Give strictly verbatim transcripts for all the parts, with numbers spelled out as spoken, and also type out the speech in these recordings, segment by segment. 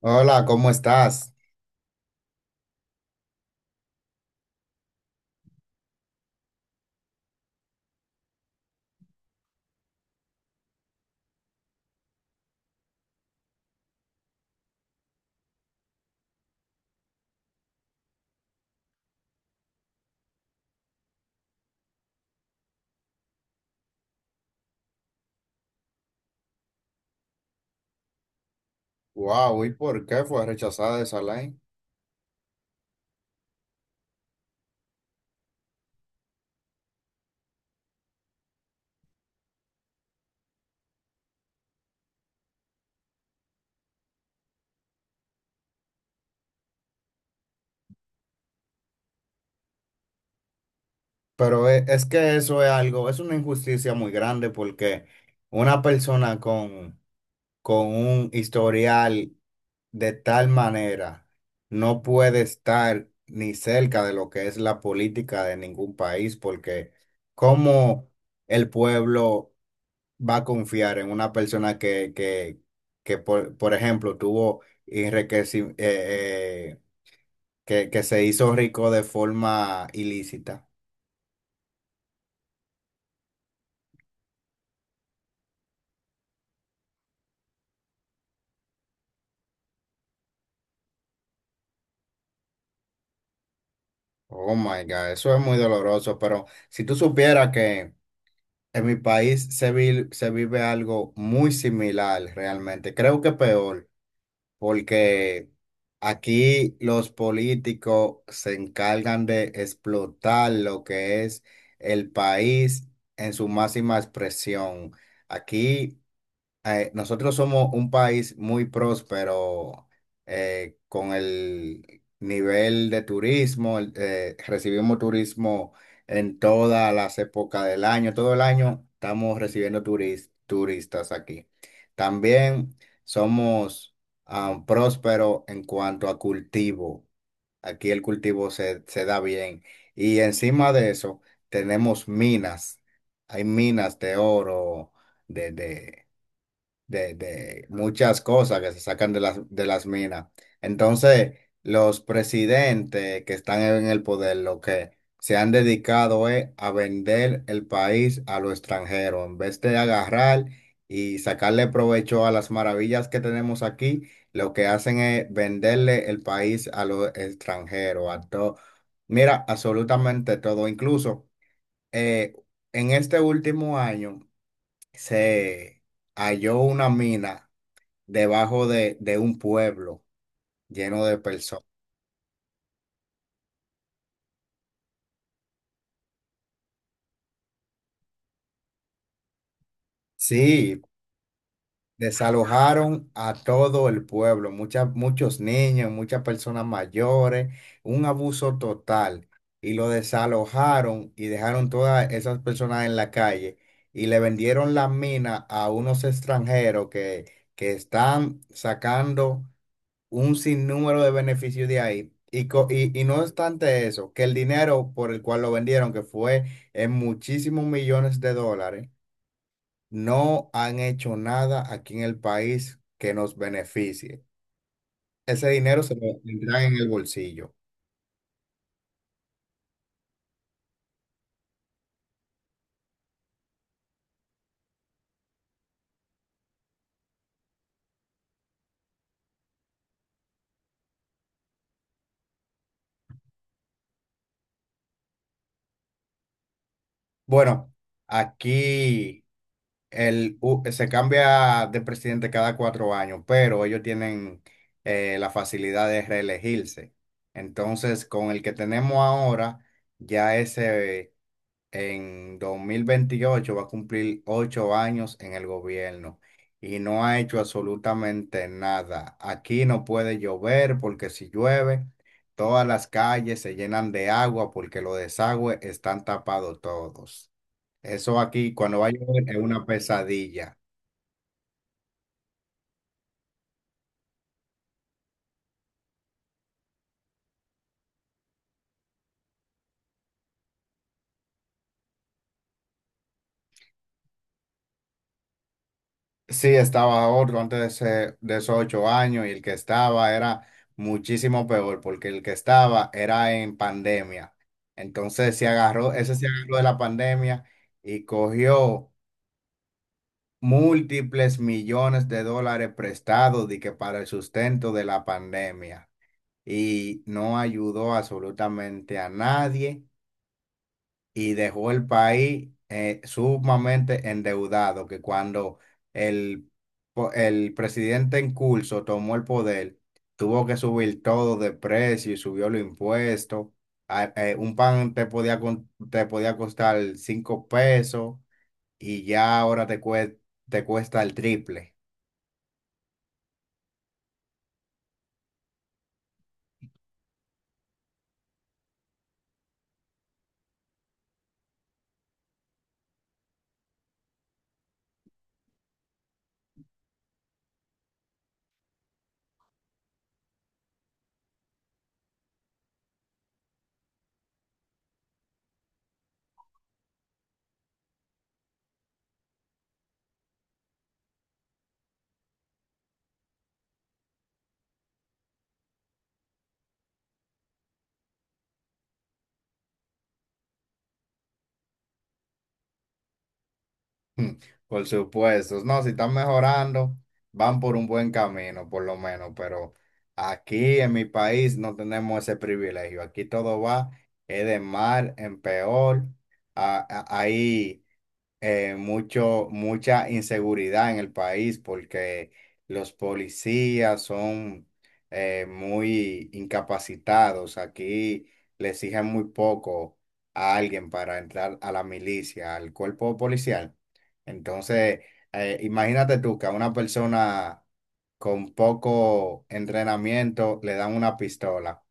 Hola, ¿cómo estás? Wow, ¿y por qué fue rechazada esa ley? Pero e- es, que eso es algo, es una injusticia muy grande porque una persona con, con un historial de tal manera no puede estar ni cerca de lo que es la política de ningún país porque ¿cómo el pueblo va a confiar en una persona que, que, que por, por ejemplo, tuvo enriquecimiento? que, que, se hizo rico de forma ilícita. Oh my God, eso es muy doloroso, pero si tú supieras que en mi país se, vi- se vive algo muy similar realmente, creo que peor, porque aquí los políticos se encargan de explotar lo que es el país en su máxima expresión. Aquí eh, nosotros somos un país muy próspero, eh, con el nivel de turismo, el- eh, recibimos turismo en todas las épocas del año, todo el año estamos recibiendo turis- turistas aquí. También somos, ah, prósperos en cuanto a cultivo, aquí el cultivo se, se da bien y encima de eso tenemos minas, hay minas de oro, de... de de, de muchas cosas que se sacan de las, de las minas. Entonces, los presidentes que están en el poder, lo que se han dedicado es a vender el país a lo extranjero, en vez de agarrar y sacarle provecho a las maravillas que tenemos aquí, lo que hacen es venderle el país a lo extranjero, a todo. Mira, absolutamente todo, incluso eh, en este último año se halló una mina debajo de, de un pueblo lleno de personas. Sí, desalojaron a todo el pueblo, muchas, muchos niños, muchas personas mayores, un abuso total. Y lo desalojaron y dejaron todas esas personas en la calle y le vendieron la mina a unos extranjeros que, que están sacando un sinnúmero de beneficios de ahí. Y, co- y, y no obstante eso, que el dinero por el cual lo vendieron, que fue en muchísimos millones de dólares, no han hecho nada aquí en el país que nos beneficie. Ese dinero se lo tendrán en el bolsillo. Bueno, aquí el, u- se cambia de presidente cada cuatro años, pero ellos tienen, eh, la facilidad de reelegirse. Entonces, con el que tenemos ahora, ya ese... en dos mil veintiocho va a cumplir ocho años en el gobierno y no ha hecho absolutamente nada. Aquí no puede llover porque si llueve, todas las calles se llenan de agua porque los desagües están tapados todos. Eso aquí cuando va a llover es una pesadilla. Sí, estaba otro antes de, ese- de esos ocho años y el que estaba era muchísimo peor porque el que estaba era en pandemia. Entonces se agarró, ese se agarró de la pandemia y cogió múltiples millones de dólares prestados de que para el sustento de la pandemia y no ayudó absolutamente a nadie y dejó el país, eh, sumamente endeudado, que cuando el, po- el presidente en curso tomó el poder, tuvo que subir todo de precio y subió los impuestos. A- eh, un pan te podía, con- te podía costar cinco pesos y ya ahora te, cue- te cuesta el triple. Mm, Por supuesto, no, si están mejorando, van por un buen camino, por lo menos, pero aquí en mi país no tenemos ese privilegio. Aquí todo va, es de mal en peor. A- a- ahí, eh, mucho, mucha inseguridad en el país porque los policías son, eh, muy incapacitados. Aquí le exigen muy poco a alguien para entrar a la milicia, al cuerpo policial. Entonces, eh, imagínate tú que a una persona con poco entrenamiento le dan una pistola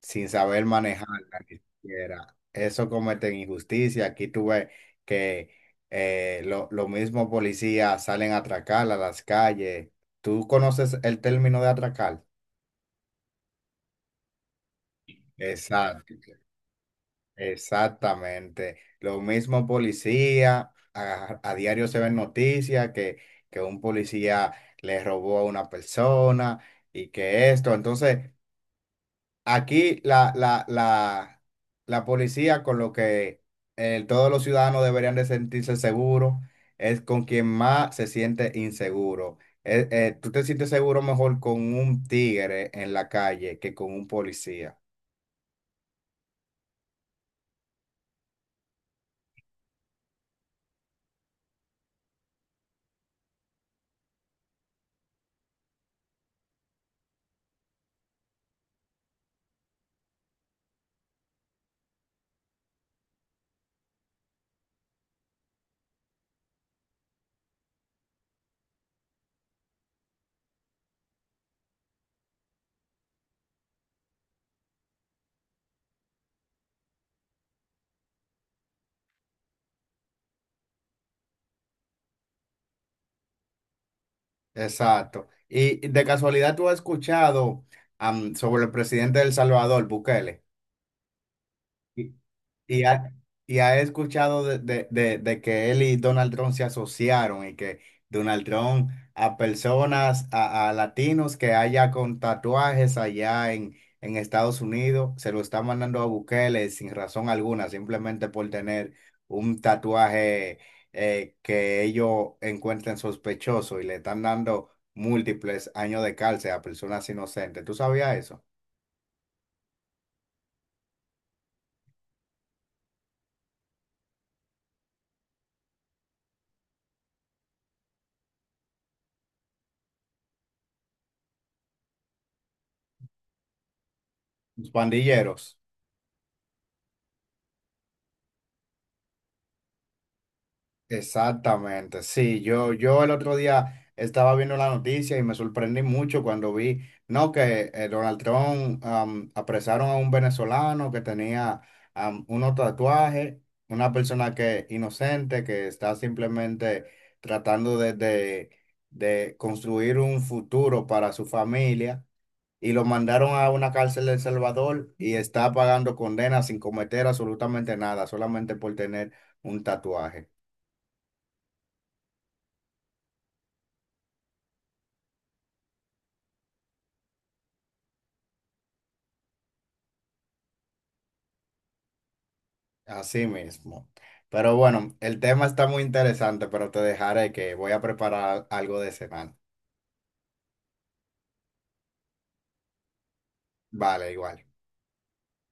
sin saber manejarla ni siquiera. Eso cometen injusticia. Aquí tú ves que eh, lo- los mismos policías salen a atracar a las calles. ¿Tú conoces el término de atracar? Exacto, exactamente. Lo mismo policía, a, a diario se ven noticias que, que un policía le robó a una persona y que esto. Entonces, aquí la, la, la, la policía con lo que, eh, todos los ciudadanos deberían de sentirse seguros, es con quien más se siente inseguro. Eh, eh, tú te sientes seguro mejor con un tigre en la calle que con un policía. Exacto. Y de casualidad tú has escuchado, am, sobre el presidente de El Salvador, Bukele. Y, y ha, y ha escuchado de, de- de- de que él y Donald Trump se asociaron y que Donald Trump a personas, a, a latinos que haya con tatuajes allá en, en Estados Unidos, se lo está mandando a Bukele sin razón alguna, simplemente por tener un tatuaje eh, que ellos encuentren sospechoso y le están dando múltiples años de cárcel a personas inocentes. ¿Tú sabías eso? Los pandilleros. Exactamente, sí, yo, yo el otro día estaba viendo la noticia y me sorprendí mucho cuando vi, no, que eh, Donald Trump, am, apresaron a un venezolano que tenía, am, unos tatuajes, una persona que inocente, que está simplemente tratando de, de, de construir un futuro para su familia y lo mandaron a una cárcel de El Salvador y está pagando condena sin cometer absolutamente nada, solamente por tener un tatuaje. Así mismo. Pero bueno, el tema está muy interesante, pero te dejaré que voy a preparar algo de cenar. Vale, igual.